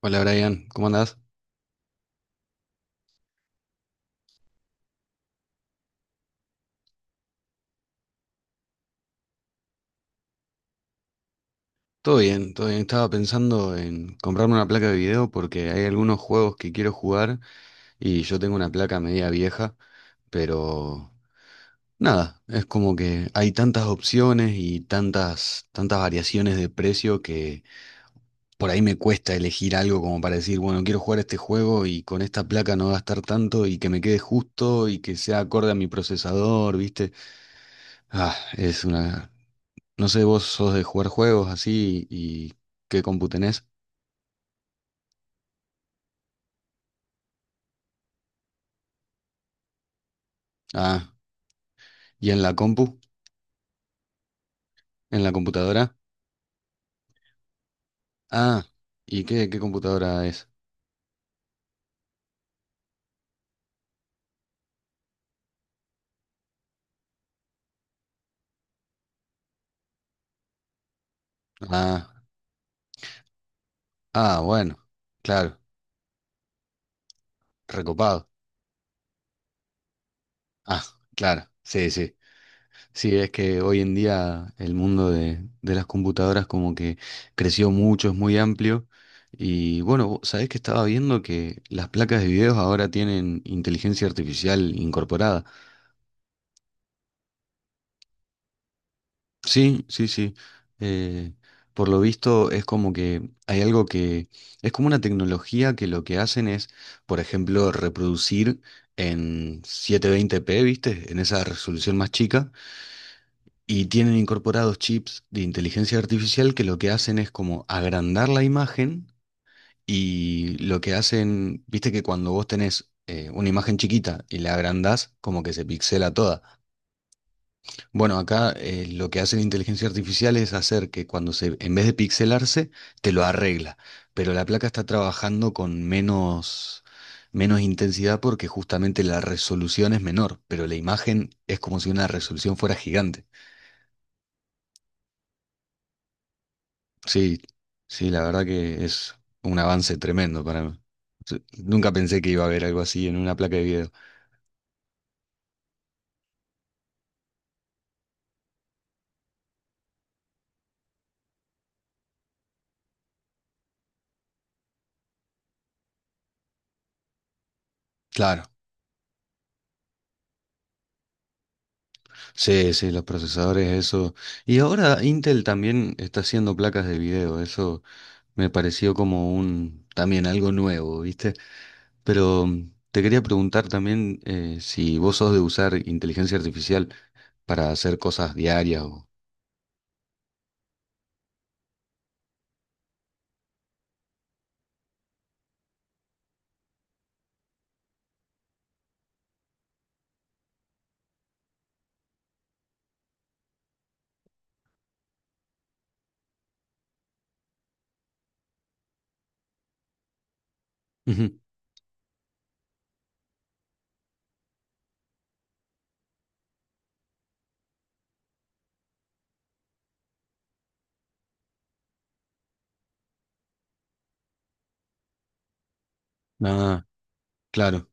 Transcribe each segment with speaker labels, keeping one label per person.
Speaker 1: Hola Brian, ¿cómo andás? Todo bien, todo bien. Estaba pensando en comprarme una placa de video porque hay algunos juegos que quiero jugar y yo tengo una placa media vieja, pero nada, es como que hay tantas opciones y tantas variaciones de precio que por ahí me cuesta elegir algo como para decir, bueno, quiero jugar este juego y con esta placa no gastar tanto y que me quede justo y que sea acorde a mi procesador, ¿viste? Ah, es una no sé, vos sos de jugar juegos así y qué compu tenés. Ah, ¿y en la compu? ¿En la computadora? Ah, ¿y qué computadora es? Ah, ah, bueno, claro, recopado. Ah, claro, sí, sí. Sí, es que hoy en día el mundo de las computadoras como que creció mucho, es muy amplio. Y bueno, vos ¿sabés que estaba viendo que las placas de videos ahora tienen inteligencia artificial incorporada? Sí, sí, sí. Eh, por lo visto es como que hay algo que es como una tecnología que lo que hacen es, por ejemplo, reproducir en 720p, ¿viste? En esa resolución más chica. Y tienen incorporados chips de inteligencia artificial que lo que hacen es como agrandar la imagen y lo que hacen, ¿viste? Que cuando vos tenés una imagen chiquita y la agrandás, como que se pixela toda. Bueno, acá lo que hace la inteligencia artificial es hacer que cuando se, en vez de pixelarse, te lo arregla. Pero la placa está trabajando con menos intensidad porque justamente la resolución es menor, pero la imagen es como si una resolución fuera gigante. Sí, sí, la verdad que es un avance tremendo para mí. Sí, nunca pensé que iba a haber algo así en una placa de video. Claro, sí, sí, los procesadores, eso. Y ahora Intel también está haciendo placas de video, eso. Me pareció como un también algo nuevo, ¿viste? Pero te quería preguntar también si vos sos de usar inteligencia artificial para hacer cosas diarias Ujú. Ah, claro.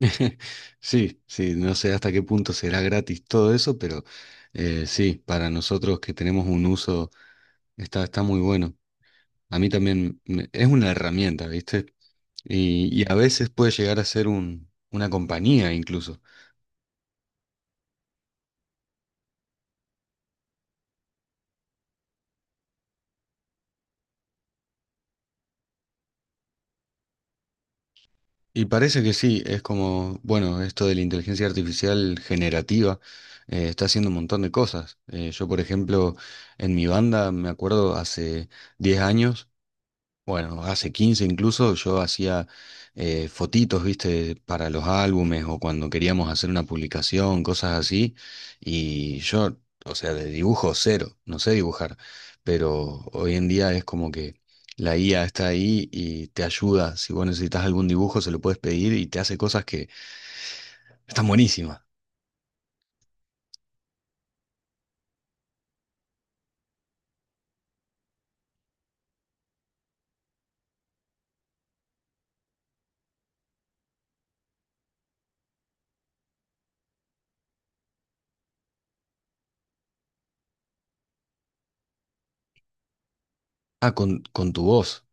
Speaker 1: Sí, sí, no sé hasta qué punto será gratis todo eso, pero sí, para nosotros que tenemos un uso está muy bueno. A mí también es una herramienta, ¿viste? Y a veces puede llegar a ser una compañía incluso. Y parece que sí, es como, bueno, esto de la inteligencia artificial generativa está haciendo un montón de cosas. Yo, por ejemplo, en mi banda, me acuerdo hace 10 años, bueno, hace 15 incluso yo hacía fotitos, viste, para los álbumes o cuando queríamos hacer una publicación, cosas así. Y yo, o sea, de dibujo cero, no sé dibujar, pero hoy en día es como que la IA está ahí y te ayuda. Si vos necesitas algún dibujo, se lo puedes pedir y te hace cosas que están buenísimas. Ah, con tu voz.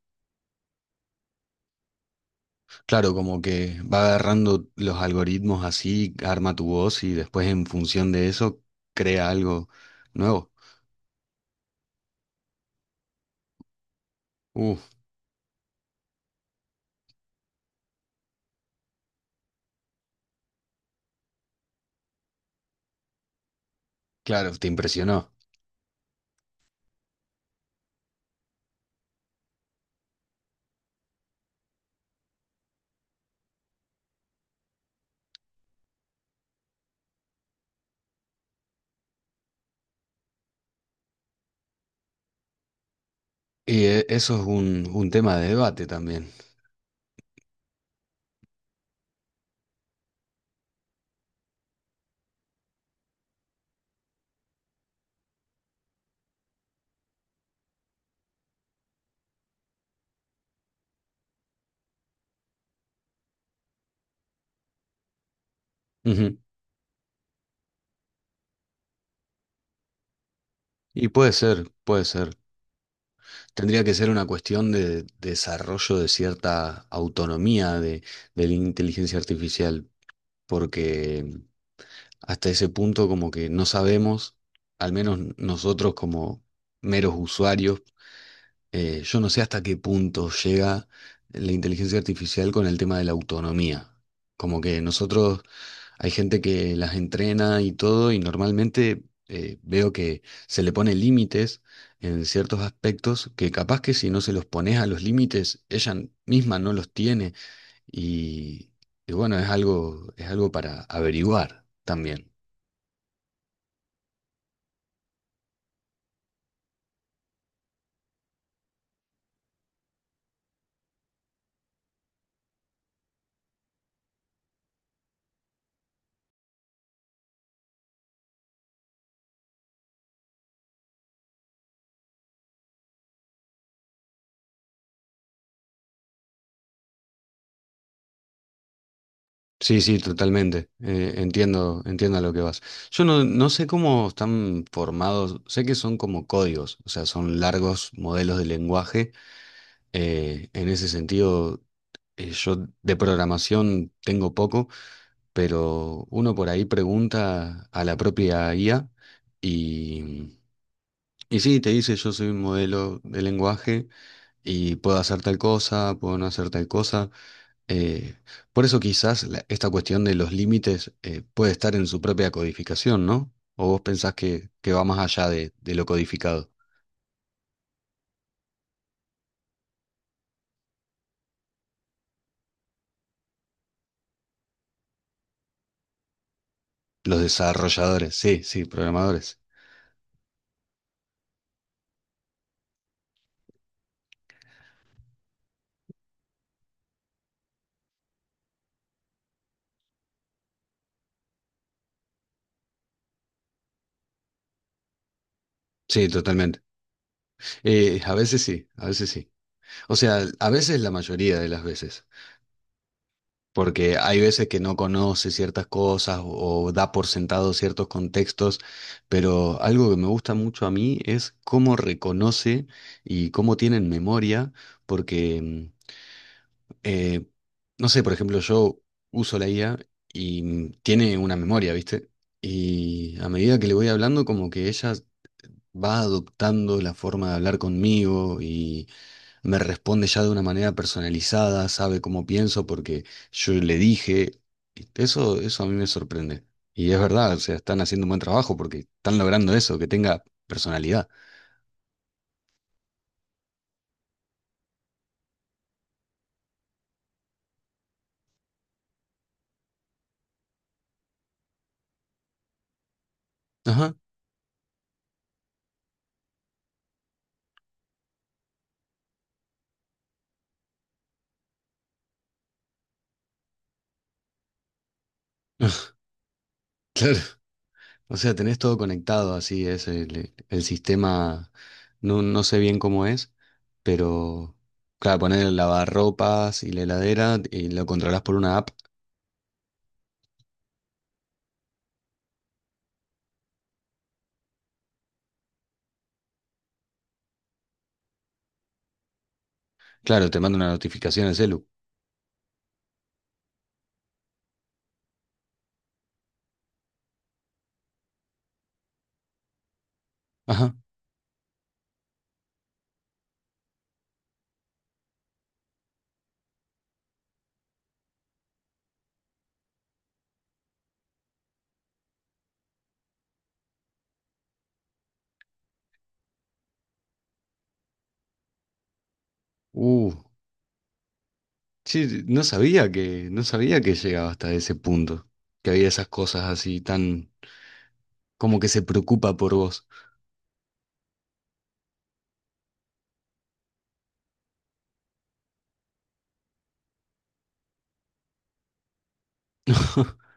Speaker 1: Claro, como que va agarrando los algoritmos así, arma tu voz y después en función de eso crea algo nuevo. Uf, claro, te impresionó. Y eso es un tema de debate también. Ujú. Y puede ser, puede ser. Tendría que ser una cuestión de desarrollo de cierta autonomía de la inteligencia artificial, porque hasta ese punto como que no sabemos, al menos nosotros como meros usuarios. Yo no sé hasta qué punto llega la inteligencia artificial con el tema de la autonomía. Como que nosotros, hay gente que las entrena y todo, y normalmente veo que se le pone límites en ciertos aspectos que capaz que si no se los pones a los límites, ella misma no los tiene. Y, y bueno, es algo para averiguar también. Sí, sí, totalmente. Entiendo, entiendo a lo que vas. Yo no sé cómo están formados, sé que son como códigos, o sea, son largos modelos de lenguaje. En ese sentido, yo de programación tengo poco, pero uno por ahí pregunta a la propia IA y, y sí, te dice, yo soy un modelo de lenguaje y puedo hacer tal cosa, puedo no hacer tal cosa. Eh, por eso quizás esta cuestión de los límites puede estar en su propia codificación, ¿no? ¿O vos pensás que va más allá de lo codificado? Los desarrolladores, sí, sí, programadores. Sí, totalmente. A veces sí, a veces sí. O sea, a veces la mayoría de las veces. Porque hay veces que no conoce ciertas cosas o da por sentado ciertos contextos, pero algo que me gusta mucho a mí es cómo reconoce y cómo tienen memoria, porque, mm, eh, no sé, por ejemplo, yo uso la IA y tiene una memoria, ¿viste? Y a medida que le voy hablando, como que ella va adoptando la forma de hablar conmigo y me responde ya de una manera personalizada, sabe cómo pienso porque yo le dije. Eso a mí me sorprende. Y es verdad, o sea, están haciendo un buen trabajo porque están logrando eso, que tenga personalidad. Ajá, claro. O sea, tenés todo conectado, así es el sistema, no sé bien cómo es, pero claro, poner el lavarropas y la heladera y lo controlás por una app. Claro, te manda una notificación al celu. Ajá. Uh, sí, sí, no sabía que llegaba hasta ese punto, que había esas cosas así tan, como que se preocupa por vos.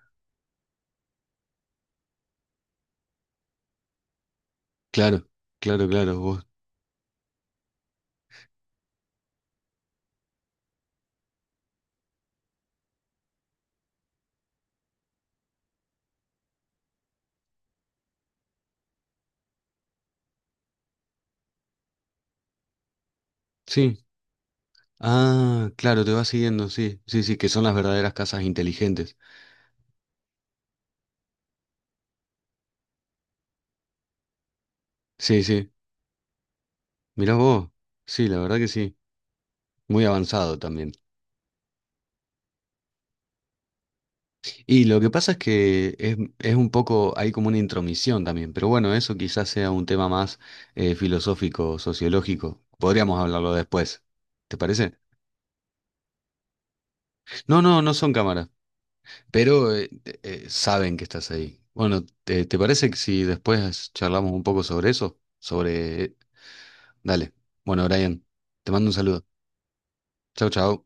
Speaker 1: Claro, claro, claro, vos. Sí. Ah, claro, te va siguiendo, sí, sí, sí, que son las verdaderas casas inteligentes. Sí, sí. Mirá vos, sí, la verdad que sí, muy avanzado también. Y lo que pasa es que es un poco, hay como una intromisión también, pero bueno, eso quizás sea un tema más filosófico, sociológico. Podríamos hablarlo después, ¿te parece? No, no, no son cámaras, pero saben que estás ahí. Bueno, ¿te parece que si después charlamos un poco sobre eso? Dale. Bueno, Brian, te mando un saludo. Chau, chau.